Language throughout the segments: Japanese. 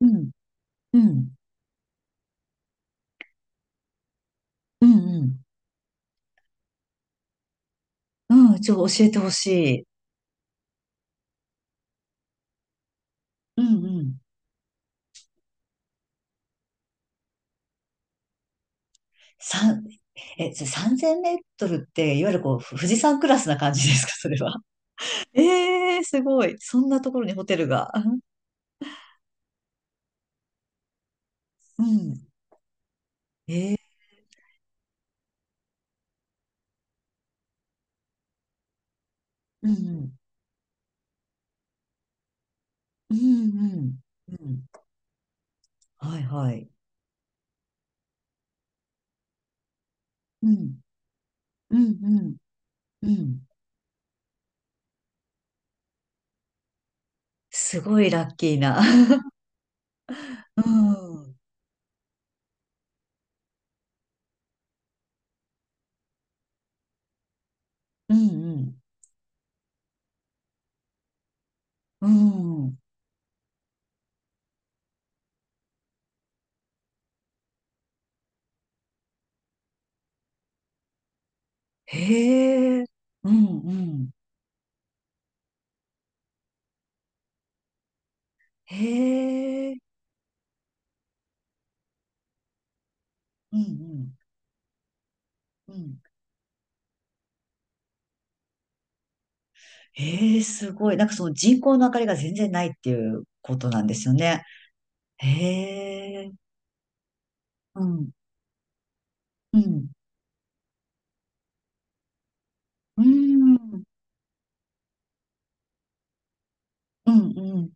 うん、うん、うん、うん。うん、ちょっと教えてほしい。うん、うん。三、え、それ3000メートルって、いわゆるこう、富士山クラスな感じですか、それは。ええー、すごい。そんなところにホテルが。うん。えー、うん、うん、うんうん、うん。はい、はい。うん、うん、うん、うん。すごいラッキーな。うん、うん、うん、うん。へえ、うん、うん。へえ、うん、うん。うんええ、すごい。なんかその人工の明かりが全然ないっていうことなんですよね。へえ、うん、うん、うん、うん、うん。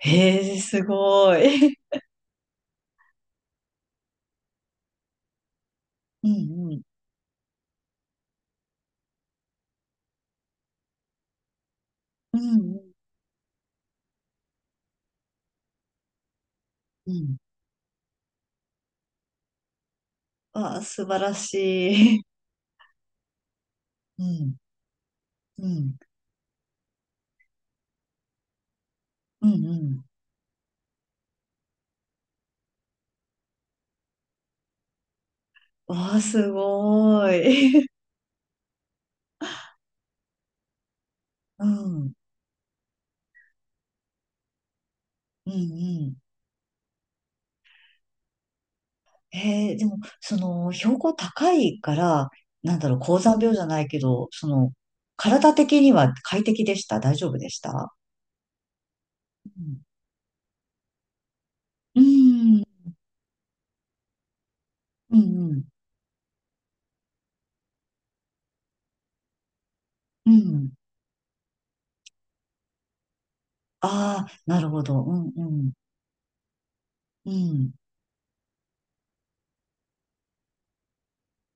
へえ、すごい。うん、うん、うん、うん。うんわあ、素晴らしい。うん、うん、うん、うん。わあ、すごい。うん、うん、うん。えー、でも、その、標高高いから、なんだろう、高山病じゃないけど、その、体的には快適でした、大丈夫でした？うん。うん、うん、うん。うんああ、なるほど。うん、うん、うん。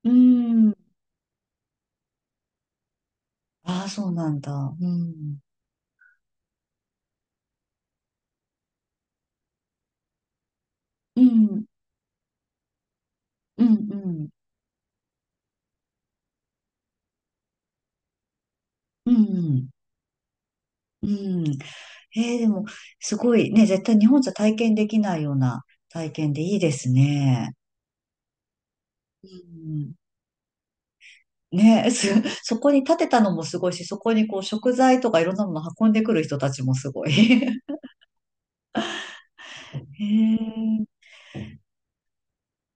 うん。ああ、そうなんだ。うん。うん、うん、うん、うん。うんえー、でも、すごいね、絶対日本じゃ体験できないような体験でいいですね。うんね、す、そこに建てたのもすごいし、そこにこう食材とかいろんなもの運んでくる人たちもすごい。へえ、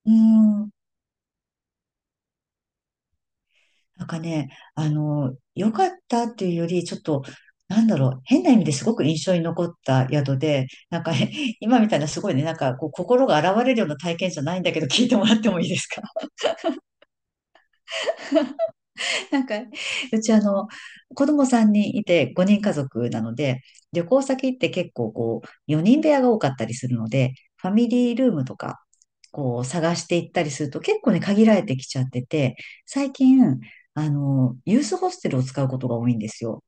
うん。なんかね、良かったっていうより、ちょっと、なんだろう、変な意味ですごく印象に残った宿で、なんかね 今みたいなすごいね、なんかこう心が洗われるような体験じゃないんだけど、聞いてもらってもいいですか？ なんか、うち子供3人いて5人家族なので、旅行先って結構こう、4人部屋が多かったりするので、ファミリールームとか、こう、探していったりすると結構ね、限られてきちゃってて、最近、ユースホステルを使うことが多いんですよ。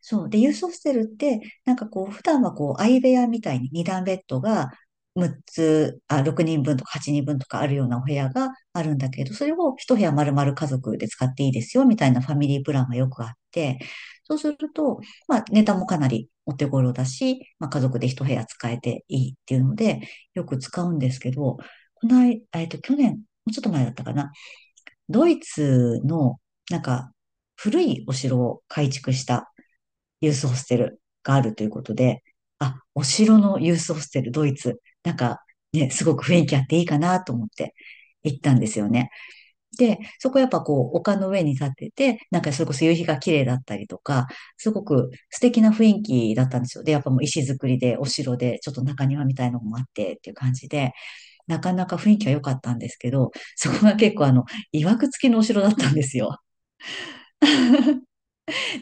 そう。で、ユースホステルって、なんかこう、普段はこう、相部屋みたいに2段ベッドが6つ、あ、6人分とか8人分とかあるようなお部屋があるんだけど、それを一部屋丸々家族で使っていいですよ、みたいなファミリープランがよくあって、そうすると、まあ、ネタもかなりお手頃だし、まあ、家族で一部屋使えていいっていうので、よく使うんですけど、この間、えっと、去年、もうちょっと前だったかな、ドイツの、なんか、古いお城を改築したユースホステルがあるということで、あ、お城のユースホステル、ドイツ、なんかね、すごく雰囲気あっていいかなと思って行ったんですよね。で、そこやっぱこう、丘の上に立ってて、なんかそれこそ夕日が綺麗だったりとか、すごく素敵な雰囲気だったんですよ。で、やっぱもう石造りで、お城で、ちょっと中庭みたいなのもあってっていう感じで、なかなか雰囲気は良かったんですけど、そこが結構曰く付きのお城だったんですよ。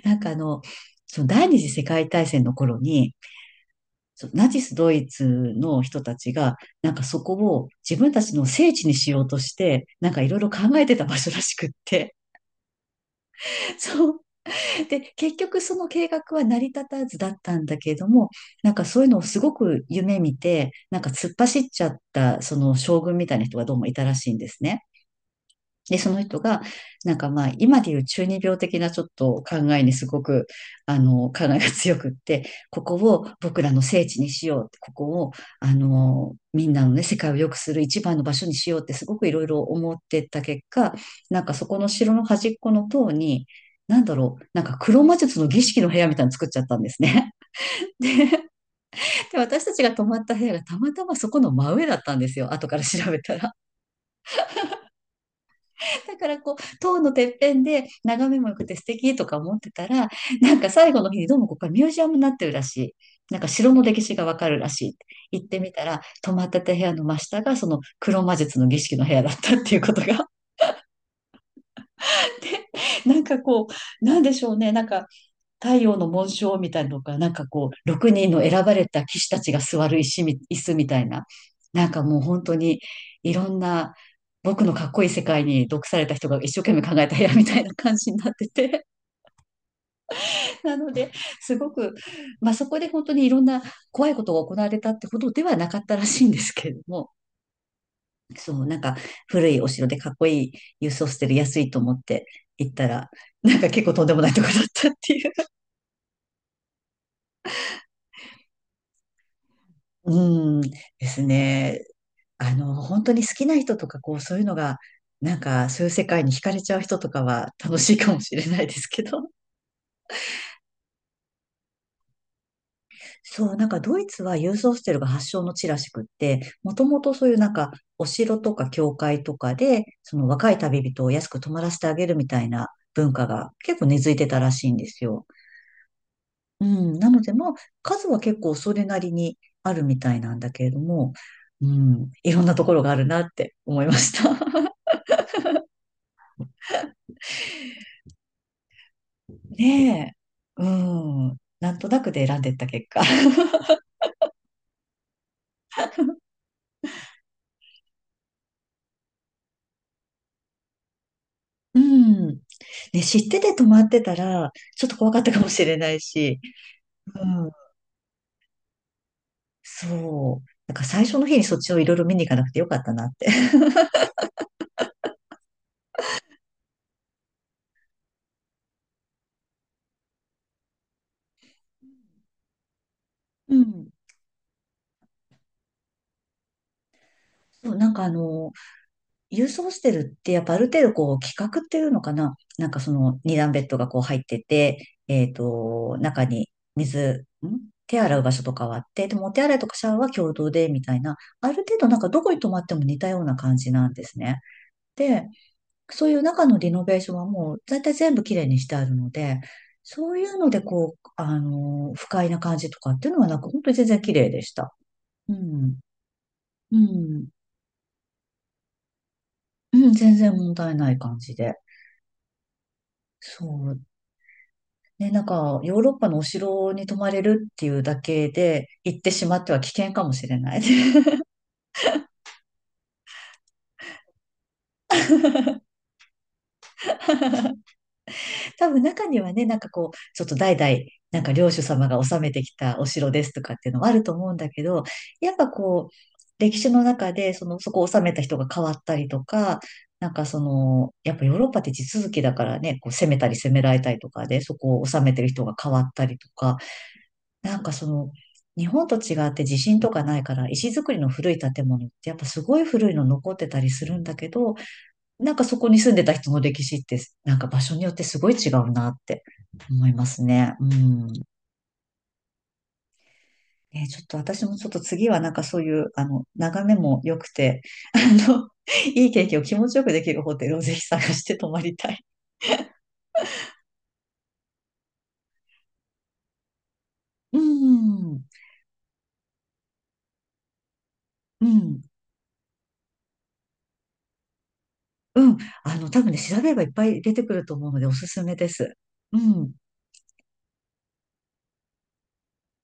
なんかあの、その第二次世界大戦の頃に、そうナチスドイツの人たちが、なんかそこを自分たちの聖地にしようとして、なんかいろいろ考えてた場所らしくって。そう。で、結局その計画は成り立たずだったんだけれども、なんかそういうのをすごく夢見て、なんか突っ走っちゃった、その将軍みたいな人がどうもいたらしいんですね。で、その人が、なんかまあ、今でいう中二病的なちょっと考えにすごく、考えが強くって、ここを僕らの聖地にしよう、ここを、あの、みんなのね、世界を良くする一番の場所にしようって、すごくいろいろ思ってった結果、なんかそこの城の端っこの塔に、なんだろう、なんか黒魔術の儀式の部屋みたいなの作っちゃったんですね。で、私たちが泊まった部屋がたまたまそこの真上だったんですよ、後から調べたら。だからこう、塔のてっぺんで眺めも良くて素敵とか思ってたら、なんか最後の日にどうもここはミュージアムになってるらしい。なんか城の歴史がわかるらしい。行ってみたら、泊まってた部屋の真下がその黒魔術の儀式の部屋だったっていうことがあって、なんかこう、なんでしょうね、なんか太陽の紋章みたいなのが、なんかこう、6人の選ばれた騎士たちが座る椅子みたいな、なんかもう本当にいろんな、僕のかっこいい世界に毒された人が一生懸命考えた部屋みたいな感じになってて、なので、すごく、まあそこで本当にいろんな怖いことが行われたってほどではなかったらしいんですけれども、そう、なんか古いお城でかっこいい郵送してる安いと思って行ったら、なんか結構とんでもないとこだったっていう。うん、ですね。本当に好きな人とか、こう、そういうのが、なんか、そういう世界に惹かれちゃう人とかは楽しいかもしれないですけど。そう、なんかドイツはユースホステルが発祥の地らしくって、もともとそういうなんか、お城とか教会とかで、その若い旅人を安く泊まらせてあげるみたいな文化が結構根付いてたらしいんですよ。うん、なので、まあ、数は結構それなりにあるみたいなんだけれども、うん、いろんなところがあるなって思いました。ねえ。うん。なんとなくで選んでった結果。うん。ね、知ってて止まってたら、ちょっと怖かったかもしれないし。うん。そう。なんか最初の日にそっちをいろいろ見に行かなくてよかったなって。うん。そう、郵送してるって、やっぱある程度こう、規格っていうのかな、なんかその二段ベッドがこう入ってて、えっと、中に手洗う場所とかはあって、でもお手洗いとかシャワーは共同で、みたいな、ある程度なんかどこに泊まっても似たような感じなんですね。で、そういう中のリノベーションはもう、大体全部きれいにしてあるので、そういうのでこう、あのー不快な感じとかっていうのはなく、本当に全然綺麗でした。うん。うん。うん、全然問題ない感じで。そう。ね、なんか、ヨーロッパのお城に泊まれるっていうだけで、行ってしまっては危険かもしれない。多分中にはね、なんかこう、ちょっと代々、なんか領主様が治めてきたお城ですとかっていうのもあると思うんだけど、やっぱこう、歴史の中で、その、そこを治めた人が変わったりとか、なんかその、やっぱヨーロッパって地続きだからね、こう攻めたり攻められたりとかで、そこを治めてる人が変わったりとか、なんかその、日本と違って地震とかないから、石造りの古い建物ってやっぱすごい古いの残ってたりするんだけど、なんかそこに住んでた人の歴史って、なんか場所によってすごい違うなって思いますね。うん。ね、ちょっと私もちょっと次はなんかそういう、あの、眺めも良くて、あの、いい経験を気持ちよくできるホテルをぜひ探して泊まりたい。うん。うん。うん。多分ね、調べればいっぱい出てくると思うのでおすすめです。うん。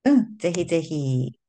うん、ぜひぜひ。